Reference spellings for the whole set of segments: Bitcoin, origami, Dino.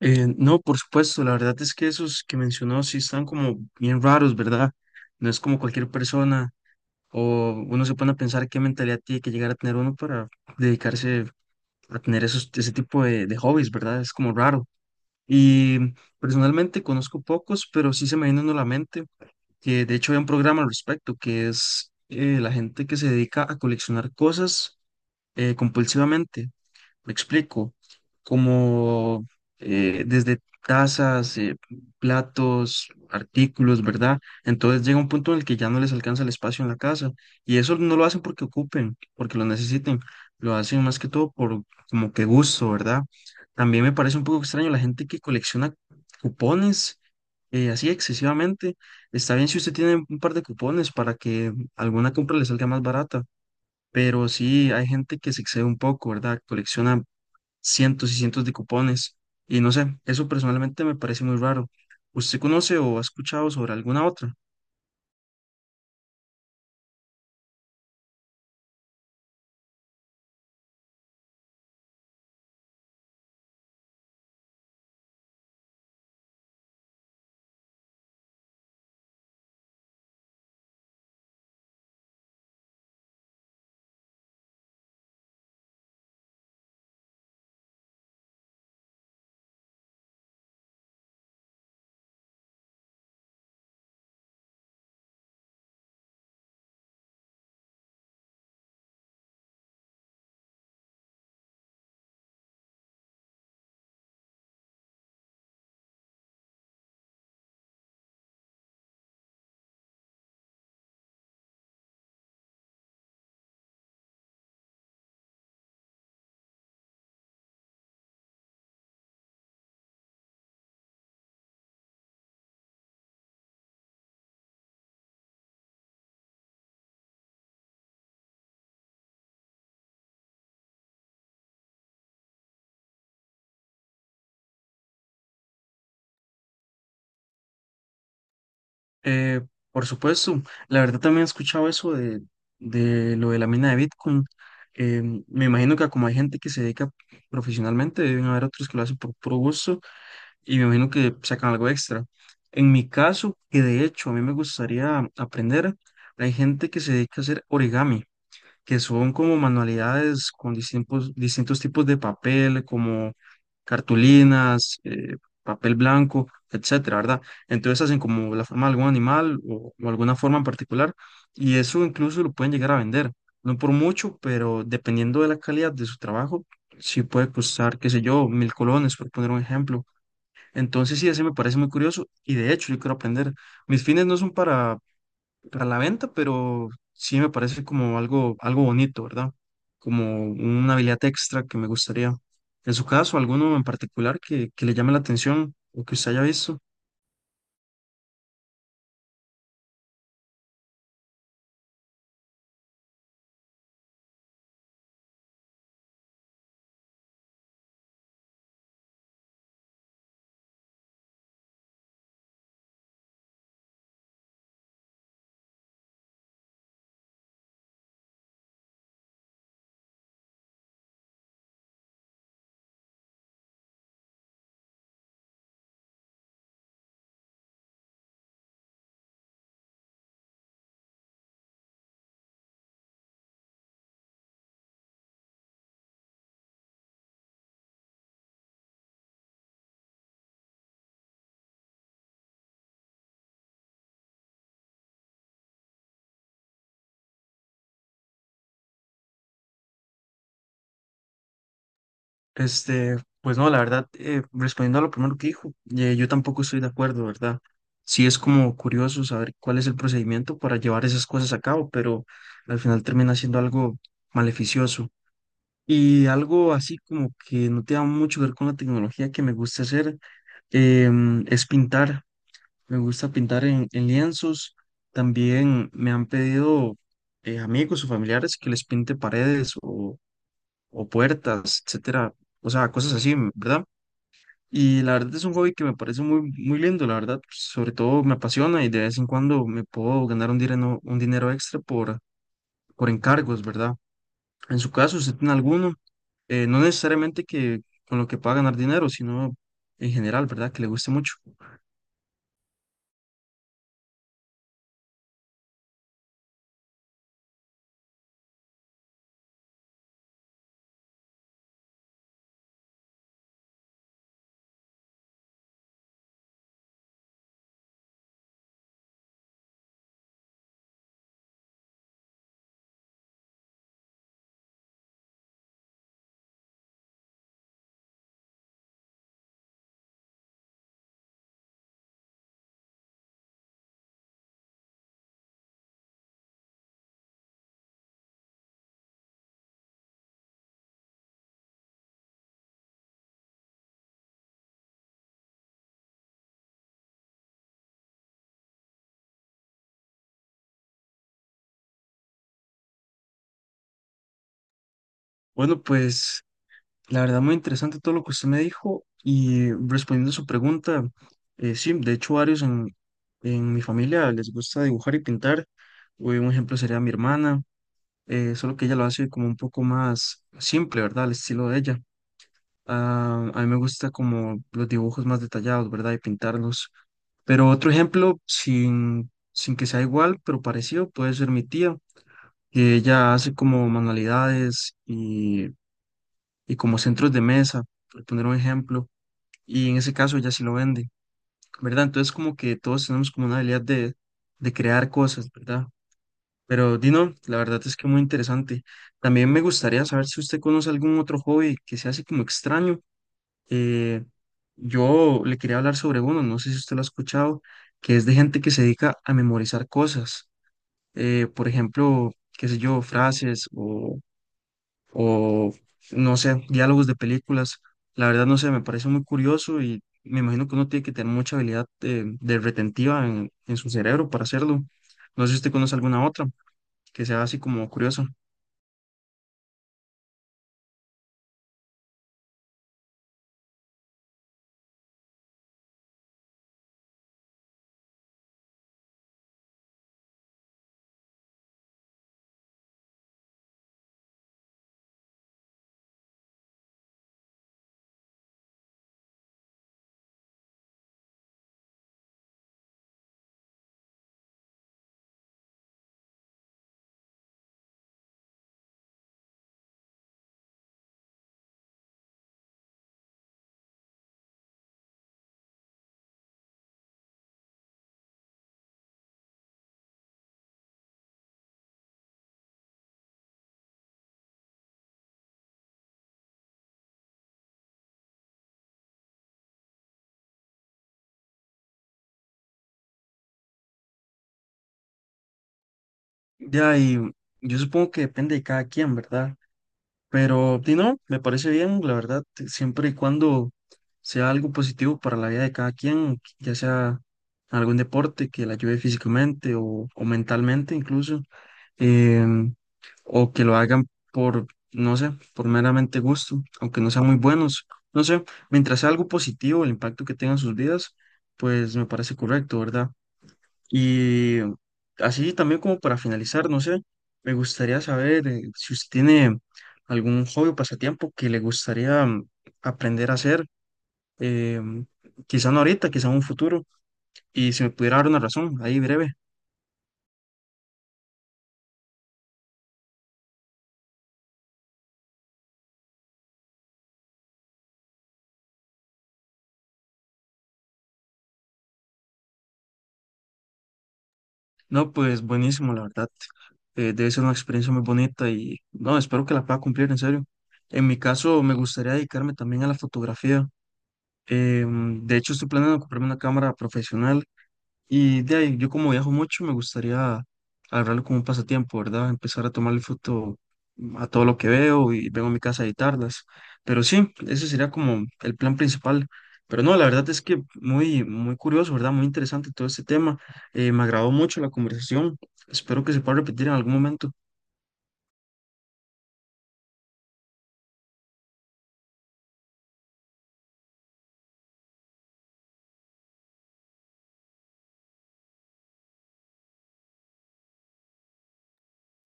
No, por supuesto, la verdad es que esos que mencionó sí están como bien raros, ¿verdad? No es como cualquier persona o uno se pone a pensar qué mentalidad tiene que llegar a tener uno para dedicarse a tener esos, ese tipo de hobbies, ¿verdad? Es como raro. Y personalmente conozco pocos, pero sí se me viene uno a la mente, que de hecho hay un programa al respecto, que es la gente que se dedica a coleccionar cosas compulsivamente. Me explico, como desde tazas, platos, artículos, ¿verdad? Entonces llega un punto en el que ya no les alcanza el espacio en la casa y eso no lo hacen porque ocupen, porque lo necesiten, lo hacen más que todo por como que gusto, ¿verdad? También me parece un poco extraño la gente que colecciona cupones así excesivamente. Está bien si usted tiene un par de cupones para que alguna compra le salga más barata. Pero sí, hay gente que se excede un poco, ¿verdad? Colecciona cientos y cientos de cupones. Y no sé, eso personalmente me parece muy raro. ¿Usted conoce o ha escuchado sobre alguna otra? Eh, por supuesto, la verdad también he escuchado eso de lo de la mina de Bitcoin. Eh, Me imagino que como hay gente que se dedica profesionalmente, deben haber otros que lo hacen por puro gusto y me imagino que sacan algo extra. En mi caso, que de hecho a mí me gustaría aprender, hay gente que se dedica a hacer origami, que son como manualidades con distintos tipos de papel, como cartulinas, papel blanco, etcétera, ¿verdad? Entonces hacen como la forma de algún animal o alguna forma en particular y eso incluso lo pueden llegar a vender. No por mucho, pero dependiendo de la calidad de su trabajo, sí puede costar, qué sé yo, 1000 colones, por poner un ejemplo. Entonces sí, ese me parece muy curioso y de hecho yo quiero aprender. Mis fines no son para la venta, pero sí me parece como algo, algo bonito, ¿verdad? Como una habilidad extra que me gustaría. En su caso, alguno en particular que le llame la atención o que usted haya visto. Este, pues no, la verdad, respondiendo a lo primero que dijo, yo tampoco estoy de acuerdo, ¿verdad? Sí es como curioso saber cuál es el procedimiento para llevar esas cosas a cabo, pero al final termina siendo algo maleficioso. Y algo así como que no tenga mucho que ver con la tecnología que me gusta hacer. Es pintar. Me gusta pintar en lienzos. También me han pedido amigos o familiares que les pinte paredes o puertas, etcétera. O sea, cosas así, ¿verdad? Y la verdad es un hobby que me parece muy, muy lindo, la verdad. Sobre todo me apasiona y de vez en cuando me puedo ganar un dinero extra por encargos, ¿verdad? En su caso, ¿usted tiene alguno? No necesariamente que con lo que pueda ganar dinero, sino en general, ¿verdad? Que le guste mucho. Bueno, pues la verdad, muy interesante todo lo que usted me dijo y respondiendo a su pregunta, sí, de hecho varios en mi familia les gusta dibujar y pintar. Un ejemplo sería mi hermana, solo que ella lo hace como un poco más simple, ¿verdad? Al estilo de ella. Ah, a mí me gusta como los dibujos más detallados, ¿verdad? Y pintarlos. Pero otro ejemplo, sin que sea igual, pero parecido, puede ser mi tía, que ella hace como manualidades y como centros de mesa, por poner un ejemplo, y en ese caso ya sí lo vende, ¿verdad? Entonces como que todos tenemos como una habilidad de crear cosas, ¿verdad? Pero Dino, la verdad es que muy interesante. También me gustaría saber si usted conoce algún otro hobby que se hace como extraño. Eh, yo le quería hablar sobre uno, no sé si usted lo ha escuchado, que es de gente que se dedica a memorizar cosas. Por ejemplo, qué sé yo, frases o no sé, diálogos de películas. La verdad, no sé, me parece muy curioso y me imagino que uno tiene que tener mucha habilidad de retentiva en su cerebro para hacerlo. No sé si usted conoce alguna otra que sea así como curiosa. Ya, y yo supongo que depende de cada quien, ¿verdad? Pero, si no, me parece bien, la verdad, siempre y cuando sea algo positivo para la vida de cada quien, ya sea algún deporte que la ayude físicamente o mentalmente incluso. eh, o que lo hagan por, no sé, por meramente gusto, aunque no sean muy buenos. No sé, mientras sea algo positivo, el impacto que tenga en sus vidas, pues me parece correcto, ¿verdad? Y así también como para finalizar, no sé, me gustaría saber si usted tiene algún hobby o pasatiempo que le gustaría mm, aprender a hacer, eh, quizá no ahorita, quizá en un futuro, y si me pudiera dar una razón, ahí breve. No, pues buenísimo, la verdad. Debe ser una experiencia muy bonita y no, espero que la pueda cumplir, en serio. En mi caso, me gustaría dedicarme también a la fotografía. De hecho, estoy planeando comprarme una cámara profesional y de ahí, yo como viajo mucho, me gustaría agarrarlo como un pasatiempo, ¿verdad? Empezar a tomarle foto a todo lo que veo y vengo a mi casa a editarlas. Pero sí, ese sería como el plan principal. Pero no, la verdad es que muy, muy curioso, ¿verdad? Muy interesante todo este tema. Me agradó mucho la conversación. Espero que se pueda repetir en algún momento.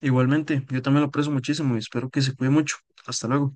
Igualmente, yo también lo aprecio muchísimo y espero que se cuide mucho. Hasta luego.